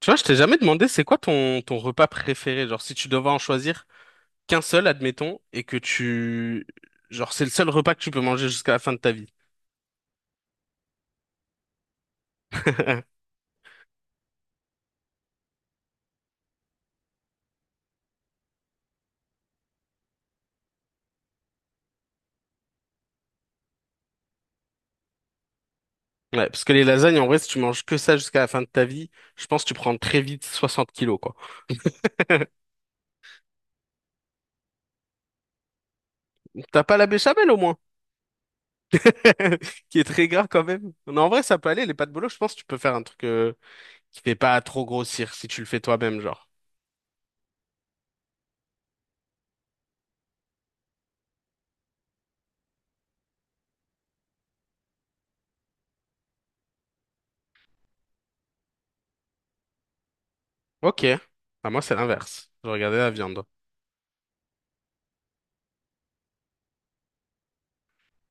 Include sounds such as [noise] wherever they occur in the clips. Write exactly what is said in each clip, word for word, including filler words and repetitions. Tu vois, je t'ai jamais demandé c'est quoi ton, ton repas préféré. Genre, si tu devais en choisir qu'un seul, admettons, et que tu... Genre, c'est le seul repas que tu peux manger jusqu'à la fin de ta vie. [laughs] Ouais, parce que les lasagnes, en vrai, si tu manges que ça jusqu'à la fin de ta vie, je pense que tu prends très vite soixante kilos, quoi. T'as pas la béchamel, au moins. [laughs] Qui est très gras quand même. Non, en vrai, ça peut aller. Les pâtes bolo, je pense que tu peux faire un truc euh, qui fait pas trop grossir si tu le fais toi-même, genre. Ok. Bah, moi, c'est l'inverse. Je regardais la viande.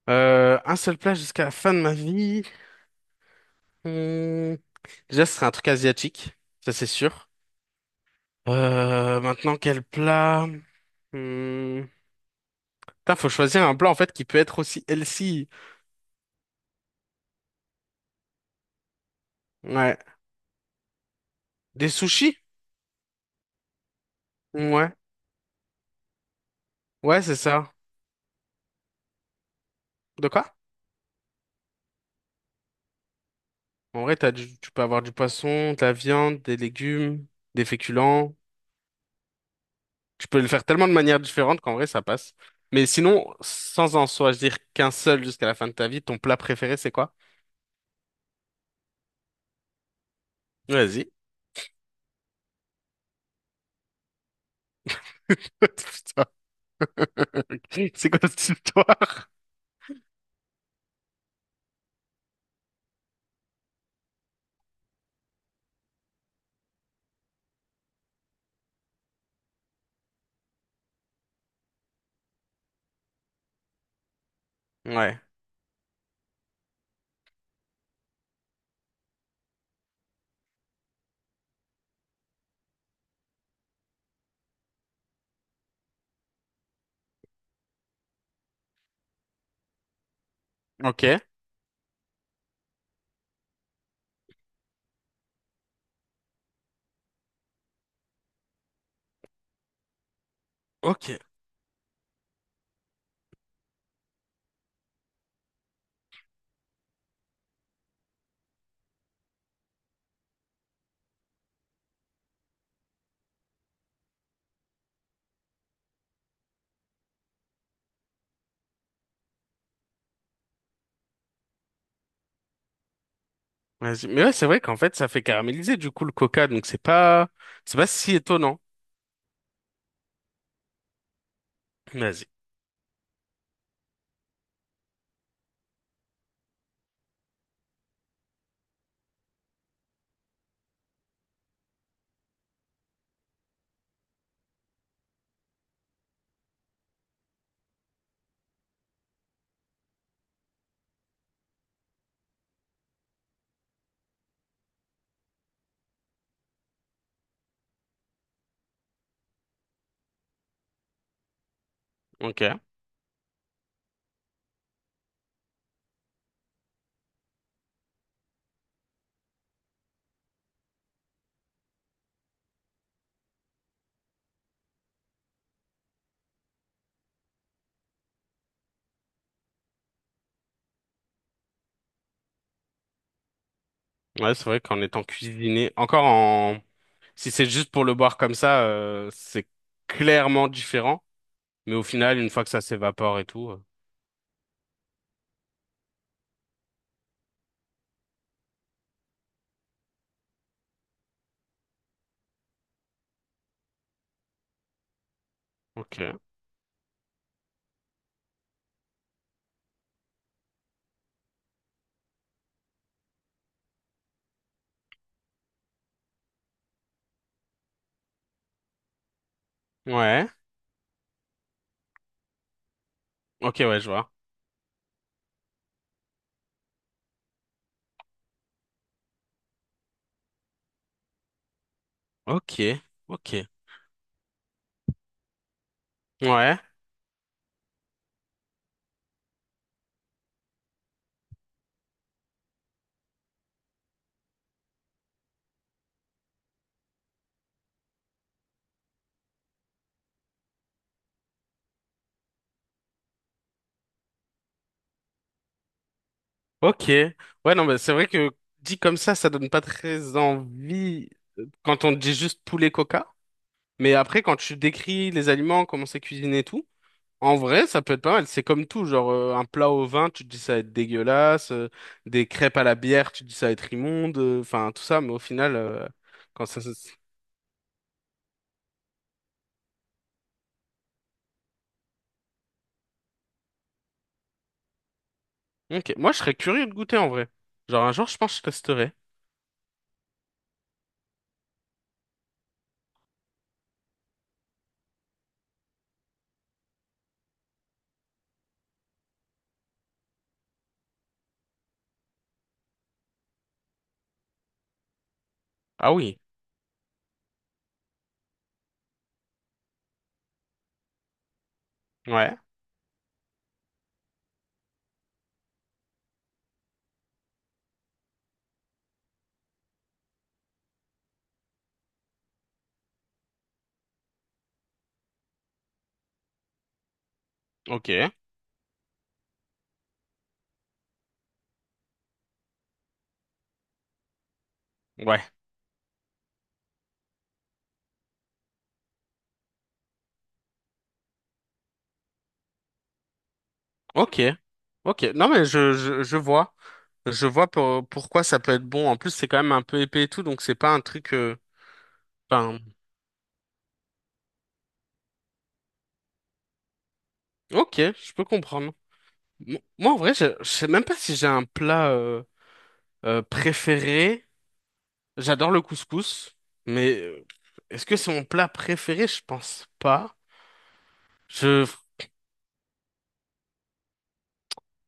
Euh, un seul plat jusqu'à la fin de ma vie. Hmm, Déjà, ce serait un truc asiatique, ça c'est sûr. Euh, maintenant, quel plat? Hmm. Putain, faut choisir un plat en fait qui peut être aussi healthy. Ouais. Des sushis? Ouais. Ouais, c'est ça. De quoi? En vrai, t'as du- tu peux avoir du poisson, de la viande, des légumes, des féculents. Tu peux le faire tellement de manières différentes qu'en vrai, ça passe. Mais sinon, sans en choisir qu'un seul jusqu'à la fin de ta vie, ton plat préféré, c'est quoi? Vas-y. [laughs] Putain. [laughs] C'est quoi cette histoire? Ouais. Ok, ok. Vas-y. Mais ouais, c'est vrai qu'en fait, ça fait caraméliser du coup le coca, donc c'est pas, c'est pas si étonnant. Vas-y. Ok. Ouais, c'est vrai qu'en étant cuisiné, encore en, si c'est juste pour le boire comme ça, euh, c'est clairement différent. Mais au final, une fois que ça s'évapore et tout, euh, ok. Ouais. Ok, ouais, je vois. Ok, ok. Ouais. Ok. Ouais, non, mais c'est vrai que dit comme ça, ça donne pas très envie euh, quand on dit juste poulet coca. Mais après, quand tu décris les aliments, comment c'est cuisiné et tout, en vrai, ça peut être pas mal. C'est comme tout, genre euh, un plat au vin, tu te dis ça va être dégueulasse, euh, des crêpes à la bière, tu te dis ça va être immonde, euh, enfin tout ça, mais au final, euh, quand ça... se- Ok, moi je serais curieux de goûter en vrai. Genre un jour, je pense que je testerai. Ah oui. Ouais. ok. Ouais. Ok. Ok. Non mais je, je, je vois. Je vois pour- pourquoi ça peut être bon. En plus, c'est quand même un peu épais et tout, donc c'est pas un truc... euh, Enfin... Ok, je peux comprendre. Mo- Moi, en vrai, je, je sais même pas si j'ai un plat euh, euh, préféré. J'adore le couscous, mais euh, est-ce que c'est mon plat préféré? Je pense pas. Je,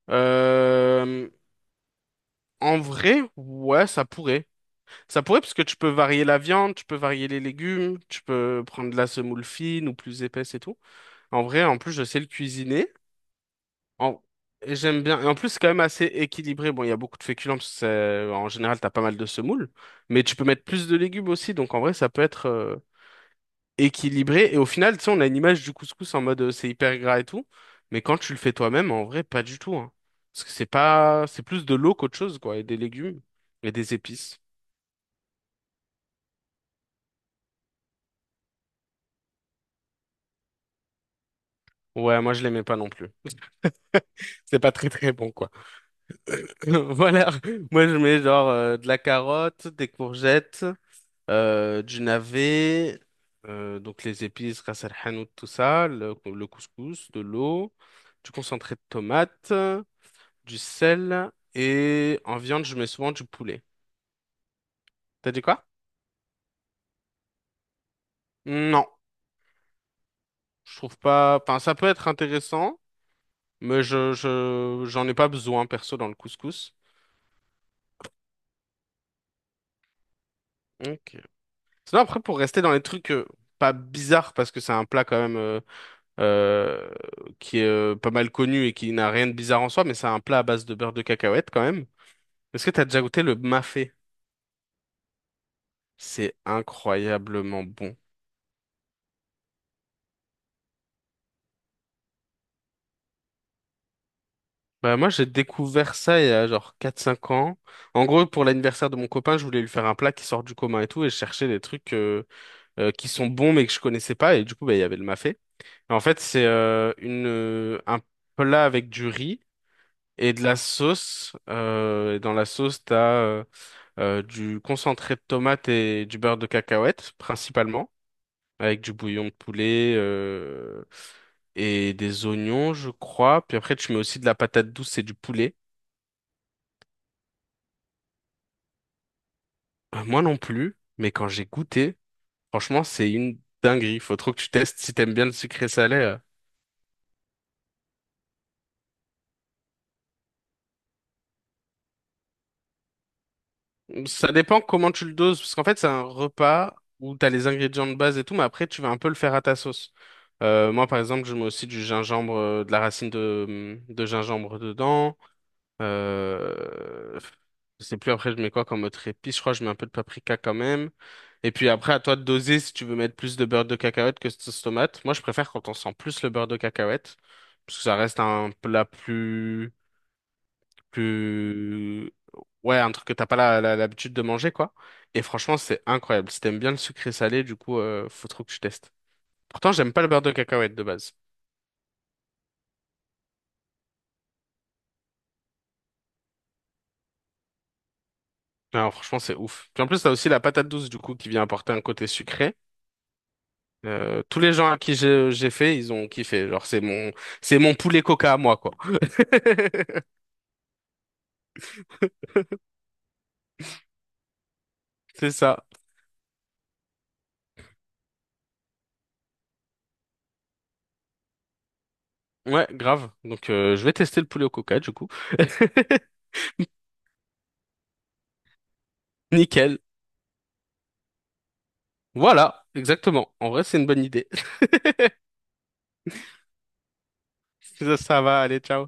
euh, En vrai, ouais, ça pourrait. Ça pourrait parce que tu peux varier la viande, tu peux varier les légumes, tu peux prendre de la semoule fine ou plus épaisse et tout. En vrai, en plus, je sais le cuisiner. En- et j'aime bien. Et en plus, c'est quand même assez équilibré. Bon, il y a beaucoup de féculents parce que c'est- en général, t'as pas mal de semoule. Mais tu peux mettre plus de légumes aussi. Donc, en vrai, ça peut être euh, équilibré. Et au final, tu sais, on a une image du couscous en mode euh, c'est hyper gras et tout. Mais quand tu le fais toi-même, en vrai, pas du tout, hein. Parce que c'est pas, c'est plus de l'eau qu'autre chose, quoi. Et des légumes et des épices. Ouais, moi, je l'aimais pas non plus. C'est pas très, très bon, quoi. [laughs] Voilà. Moi, je mets genre euh, de la carotte, des courgettes. Euh, du navet, euh, donc les épices, ras el hanout, tout ça, le, le couscous, de l'eau, du concentré de tomate, du sel, et en viande, je mets souvent du poulet. T'as dit quoi? Non, je trouve pas. Enfin, ça peut être intéressant, mais je, je, j'en ai pas besoin perso dans le couscous. Ok. Sinon, après, pour rester dans les trucs euh, pas bizarres, parce que c'est un plat quand même euh, euh, qui est euh, pas mal connu et qui n'a rien de bizarre en soi, mais c'est un plat à base de beurre de cacahuète quand même. Est-ce que t'as déjà goûté le mafé? C'est incroyablement bon. Bah moi j'ai découvert ça il y a genre quatre cinq ans. En gros pour l'anniversaire de mon copain je voulais lui faire un plat qui sort du commun et tout et je cherchais des trucs euh, euh, qui sont bons mais que je connaissais pas et du coup bah, il y avait le mafé. Et en fait c'est euh, une euh, un plat avec du riz et de la sauce. Euh, et dans la sauce t'as euh, euh, du concentré de tomate et du beurre de cacahuète principalement, avec du bouillon de poulet euh, et des oignons, je crois. Puis après, tu mets aussi de la patate douce et du poulet. Euh, moi non plus, mais quand j'ai goûté, franchement, c'est une dinguerie. Faut trop que tu testes si t'aimes bien le sucré salé. Euh. Ça dépend comment tu le doses, parce qu'en fait, c'est un repas où t'as les ingrédients de base et tout, mais après, tu vas un peu le faire à ta sauce. Euh, moi, par exemple, je mets aussi du gingembre, euh, de la racine de, de gingembre dedans. Euh... Je sais plus après je mets quoi comme autre épice. Je crois que je mets un peu de paprika quand même. Et puis après à toi de doser si tu veux mettre plus de beurre de cacahuète que de sauce tomate. Moi je préfère quand on sent plus le beurre de cacahuète parce que ça reste un plat plus plus ouais un truc que t'as pas la- la- l'habitude de manger quoi. Et franchement c'est incroyable. Si t'aimes bien le sucré salé du coup euh, faut trop que tu testes. Pourtant j'aime pas le beurre de cacahuète de base. Alors franchement c'est ouf. Puis en plus t'as aussi la patate douce du coup qui vient apporter un côté sucré. Euh, tous les gens à qui j'ai j'ai fait, ils ont kiffé. Genre, c'est mon, c'est mon poulet coca à moi, quoi. [laughs] C'est ça. Ouais, grave. Donc, euh, je vais tester le poulet au coca, du coup. [laughs] Nickel. Voilà, exactement. En vrai, c'est une bonne idée. [laughs] Ça ça va, allez, ciao.